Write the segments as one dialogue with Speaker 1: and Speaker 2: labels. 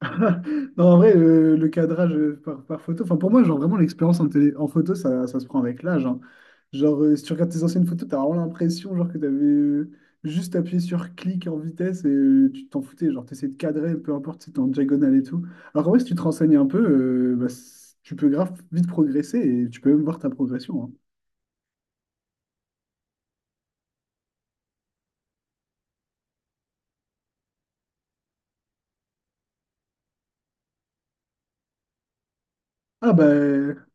Speaker 1: Non, en vrai, le cadrage par photo, enfin pour moi, genre vraiment l'expérience en photo, ça se prend avec l'âge, hein. Genre, si tu regardes tes anciennes photos, t'as vraiment l'impression genre que t'avais juste appuyé sur clic en vitesse et tu t'en foutais. Genre, t'essayais de cadrer, peu importe si t'es en diagonale et tout. Alors en vrai, si tu te renseignes un peu, bah, tu peux grave vite progresser et tu peux même voir ta progression, hein. Ah bah.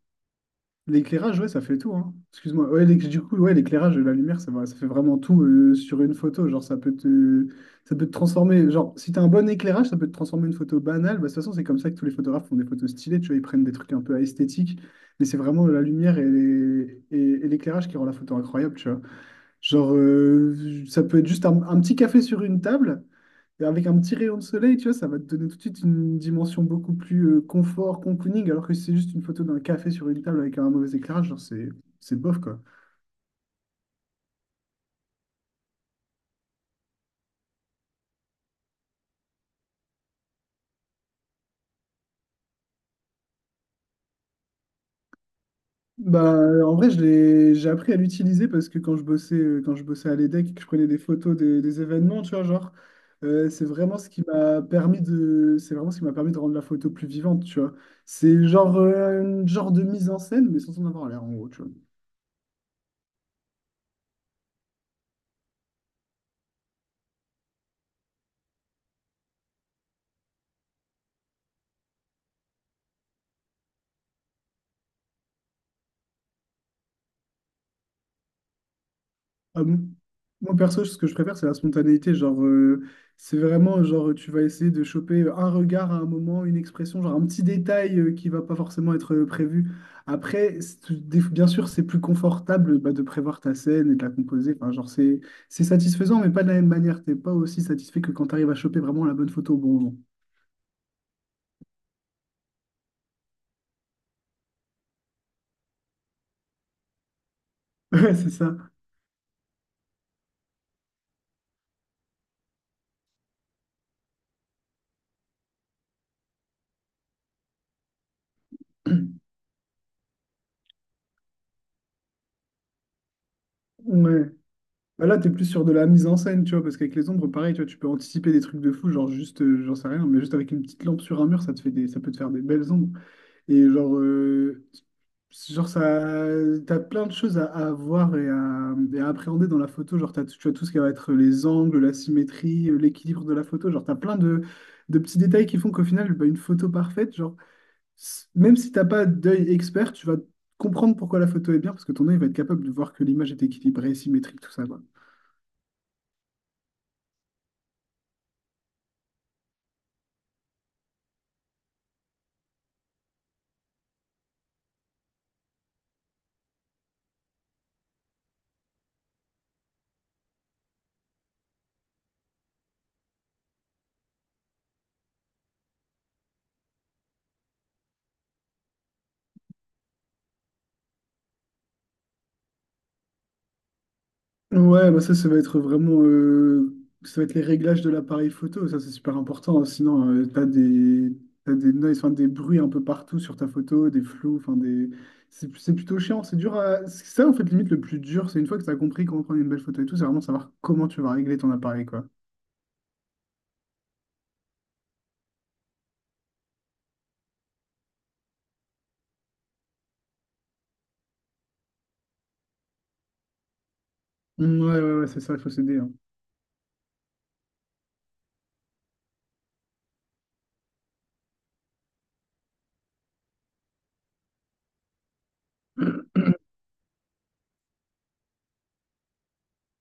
Speaker 1: L'éclairage, ouais, ça fait tout, hein. Excuse-moi. Ouais, du coup, ouais, l'éclairage et la lumière, ça fait vraiment tout sur une photo. Genre, ça peut te transformer. Genre, si t'as un bon éclairage, ça peut te transformer une photo banale. Bah, de toute façon, c'est comme ça que tous les photographes font des photos stylées. Tu vois, ils prennent des trucs un peu esthétiques. Mais c'est vraiment la lumière et l'éclairage qui rend la photo incroyable, tu vois. Genre, ça peut être juste un petit café sur une table. Avec un petit rayon de soleil, tu vois, ça va te donner tout de suite une dimension beaucoup plus confort, cocooning, alors que si c'est juste une photo d'un café sur une table avec un mauvais éclairage, c'est bof quoi. Bah en vrai, je l'ai j'ai appris à l'utiliser parce que quand je bossais à l'EDEC et que je prenais des photos des événements, tu vois, genre c'est vraiment ce qui m'a permis de rendre la photo plus vivante, tu vois. C'est genre une genre de mise en scène mais sans en avoir l'air en gros, tu vois. Ah bon, moi, perso, ce que je préfère, c'est la spontanéité. Genre, c'est vraiment, genre, tu vas essayer de choper un regard à un moment, une expression, genre un petit détail qui va pas forcément être prévu. Après, bien sûr, c'est plus confortable bah, de prévoir ta scène et de la composer. Enfin, genre, c'est satisfaisant, mais pas de la même manière. T'es pas aussi satisfait que quand tu arrives à choper vraiment la bonne photo au bon moment. Ouais, c'est ça. Ouais. Bah là, t'es plus sur de la mise en scène, tu vois, parce qu'avec les ombres, pareil, tu vois, tu peux anticiper des trucs de fou, genre juste, j'en sais rien, mais juste avec une petite lampe sur un mur, ça peut te faire des belles ombres. Et genre, genre ça, t'as plein de choses à voir et à appréhender dans la photo. Genre, tu vois, tout ce qui va être les angles, la symétrie, l'équilibre de la photo. Genre, de petits détails qui font qu'au final, bah, une photo parfaite, genre, même si t'as pas d'œil expert, tu vas comprendre pourquoi la photo est bien, parce que ton œil va être capable de voir que l'image est équilibrée, symétrique, tout ça, quoi. Ouais, bah ça, ça va être les réglages de l'appareil photo, ça c'est super important, hein. Sinon, t'as des noise, enfin, des bruits un peu partout sur ta photo, des flous, enfin des, c'est plutôt chiant. C'est ça en fait limite le plus dur, c'est une fois que t'as compris comment prendre une belle photo et tout, c'est vraiment savoir comment tu vas régler ton appareil quoi. Mmh, ouais, c'est ça, il faut s'aider, hein.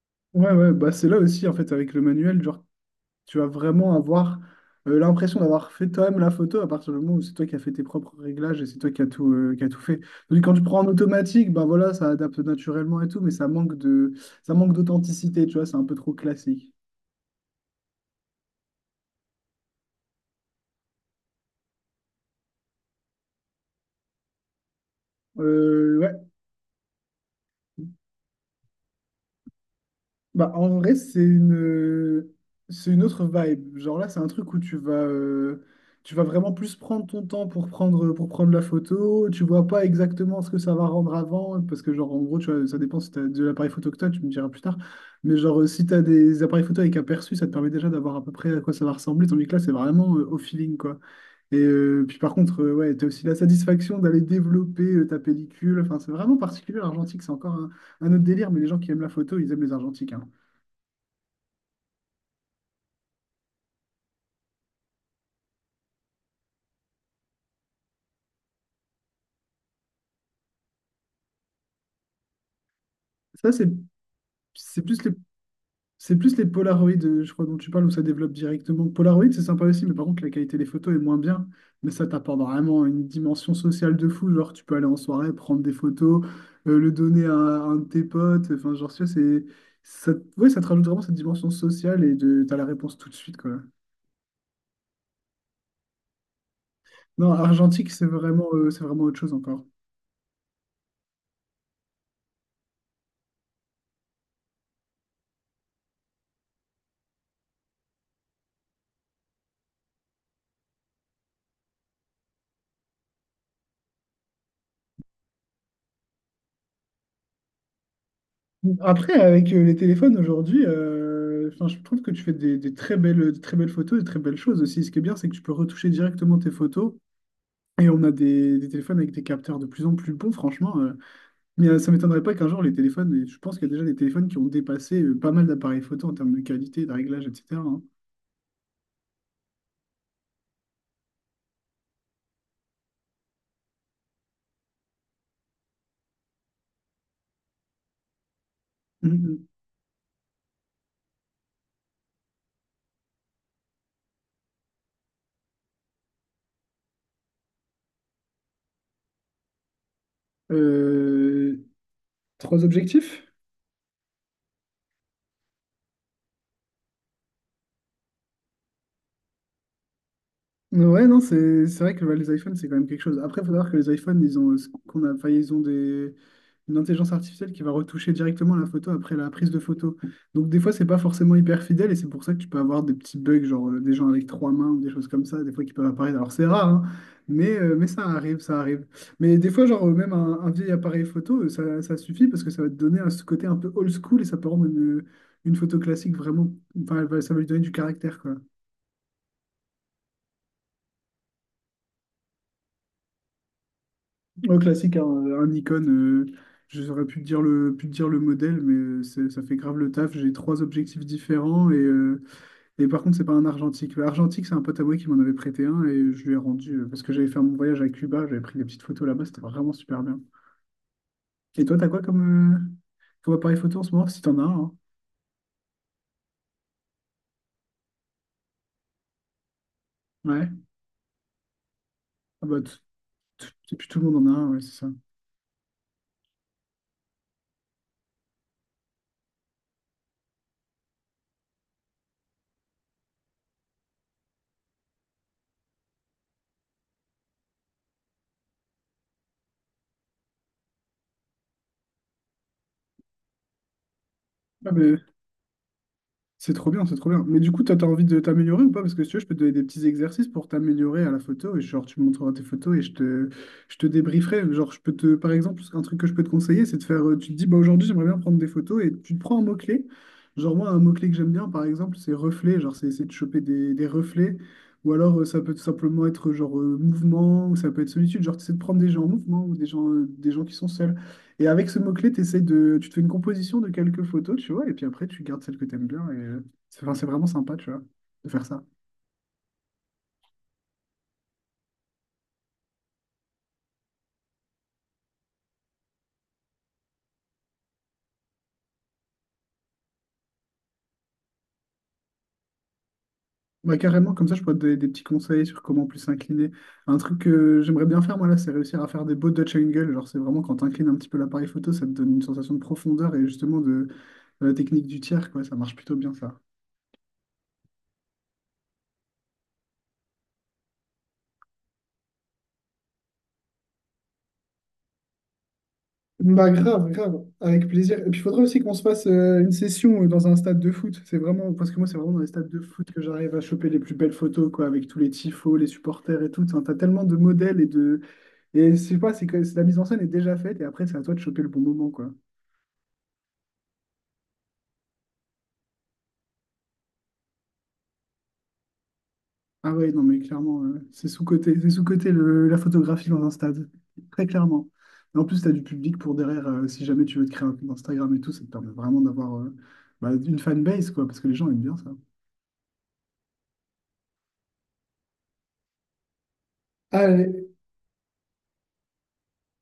Speaker 1: Ouais, bah c'est là aussi en fait avec le manuel, genre tu vas vraiment avoir l'impression d'avoir fait toi-même la photo à partir du moment où c'est toi qui as fait tes propres réglages et c'est toi qui as tout fait. Tandis que quand tu prends en automatique, ben voilà, ça adapte naturellement et tout, mais ça manque d'authenticité, tu vois, c'est un peu trop classique. Ouais. Bah, en vrai, c'est une autre vibe. Genre là, c'est un truc où tu vas vraiment plus prendre ton temps pour pour prendre la photo. Tu vois pas exactement ce que ça va rendre avant. Parce que, genre, en gros, tu vois, ça dépend si tu as de l'appareil photo que tu me diras plus tard. Mais, genre, si tu as des appareils photo avec aperçu, ça te permet déjà d'avoir à peu près à quoi ça va ressembler. Tandis que là, c'est vraiment au feeling, quoi. Et puis, par contre, ouais, tu as aussi la satisfaction d'aller développer ta pellicule. Enfin, c'est vraiment particulier. L'argentique, c'est encore un autre délire. Mais les gens qui aiment la photo, ils aiment les argentiques, hein. Ça, c'est plus c'est plus les Polaroid, je crois, dont tu parles, où ça développe directement. Polaroid, c'est sympa aussi, mais par contre, la qualité des photos est moins bien. Mais ça t'apporte vraiment une dimension sociale de fou. Genre, tu peux aller en soirée, prendre des photos, le donner à un de tes potes. Enfin, genre, tu vois, ouais, ça te rajoute vraiment cette dimension sociale t'as la réponse tout de suite, quoi. Non, argentique, c'est vraiment autre chose encore. Après, avec les téléphones aujourd'hui, enfin, je trouve que tu fais des très belles photos, des très belles choses aussi. Ce qui est bien, c'est que tu peux retoucher directement tes photos. Et on a des téléphones avec des capteurs de plus en plus bons, franchement, euh. Mais ça m'étonnerait pas qu'un jour, les téléphones, et je pense qu'il y a déjà des téléphones qui ont dépassé pas mal d'appareils photo en termes de qualité, de réglage, etc., hein. Mhm. Euh, trois objectifs? Ouais, non, c'est vrai que bah, les iPhones, c'est quand même quelque chose. Après, il faut savoir que les iPhones, ils ont, ce qu'on a, enfin, ils ont une intelligence artificielle qui va retoucher directement la photo après la prise de photo. Donc des fois, c'est pas forcément hyper fidèle et c'est pour ça que tu peux avoir des petits bugs, genre des gens avec trois mains ou des choses comme ça, des fois qui peuvent apparaître. Alors c'est rare, hein, mais ça arrive, ça arrive. Mais des fois, genre même un vieil appareil photo, ça suffit parce que ça va te donner ce côté un peu old school et ça peut rendre une photo classique vraiment, enfin, ça va lui donner du caractère, quoi. Au classique, hein, icône, euh. Je saurais plus te dire pu te dire le modèle, mais ça fait grave le taf. J'ai trois objectifs différents et, et par contre, c'est pas un argentique. Le Argentique, c'est un pote à moi qui m'en avait prêté un et je lui ai rendu parce que j'avais fait mon voyage à Cuba, j'avais pris des petites photos là-bas, c'était vraiment super bien. Et toi, t'as quoi comme, comme appareil photo en ce moment, si t'en as un, hein? Ouais. Ah bah, et puis tout le monde en a un, ouais, c'est ça. Ah, mais c'est trop bien, c'est trop bien. Mais du coup, toi, t'as envie de t'améliorer ou pas? Parce que si tu veux, je peux te donner des petits exercices pour t'améliorer à la photo. Et genre, tu me montreras tes photos et je te débrieferai. Genre, je peux te, par exemple, un truc que je peux te conseiller, c'est de faire, euh. Tu te dis, bah aujourd'hui, j'aimerais bien prendre des photos et tu te prends un mot-clé. Genre, moi, un mot-clé que j'aime bien, par exemple, c'est reflet. Genre, c'est essayer de choper des reflets. Ou alors, ça peut tout simplement être genre mouvement, ou ça peut être solitude. Genre, tu essaies de prendre des gens en mouvement ou des gens qui sont seuls. Et avec ce mot-clé, t'essayes de... tu te fais une composition de quelques photos, tu vois, et puis après, tu gardes celles que t'aimes bien. Et... c'est enfin, c'est vraiment sympa, tu vois, de faire ça. Bah, carrément, comme ça, je pourrais te donner des petits conseils sur comment plus s'incliner. Un truc que j'aimerais bien faire, moi, là, c'est réussir à faire des beaux Dutch angles. Genre, c'est vraiment quand t'inclines un petit peu l'appareil photo, ça te donne une sensation de profondeur et justement de la technique du tiers, quoi. Ça marche plutôt bien, ça. Bah grave, grave, avec plaisir. Et puis il faudrait aussi qu'on se fasse une session dans un stade de foot. C'est vraiment, parce que moi, c'est vraiment dans les stades de foot que j'arrive à choper les plus belles photos, quoi, avec tous les tifos, les supporters et tout. Enfin, t'as tellement de modèles et de. Et je sais pas, c'est que la mise en scène est déjà faite et après, c'est à toi de choper le bon moment, quoi. Ah ouais, non, mais clairement, c'est sous-coté. C'est sous-coté la photographie dans un stade. Très clairement. Et en plus, t'as du public pour derrière, si jamais tu veux te créer un compte Instagram et tout, ça te permet vraiment d'avoir bah, une fanbase, quoi, parce que les gens aiment bien ça.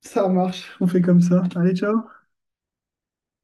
Speaker 1: Ça marche, on fait comme ça. Allez, ciao!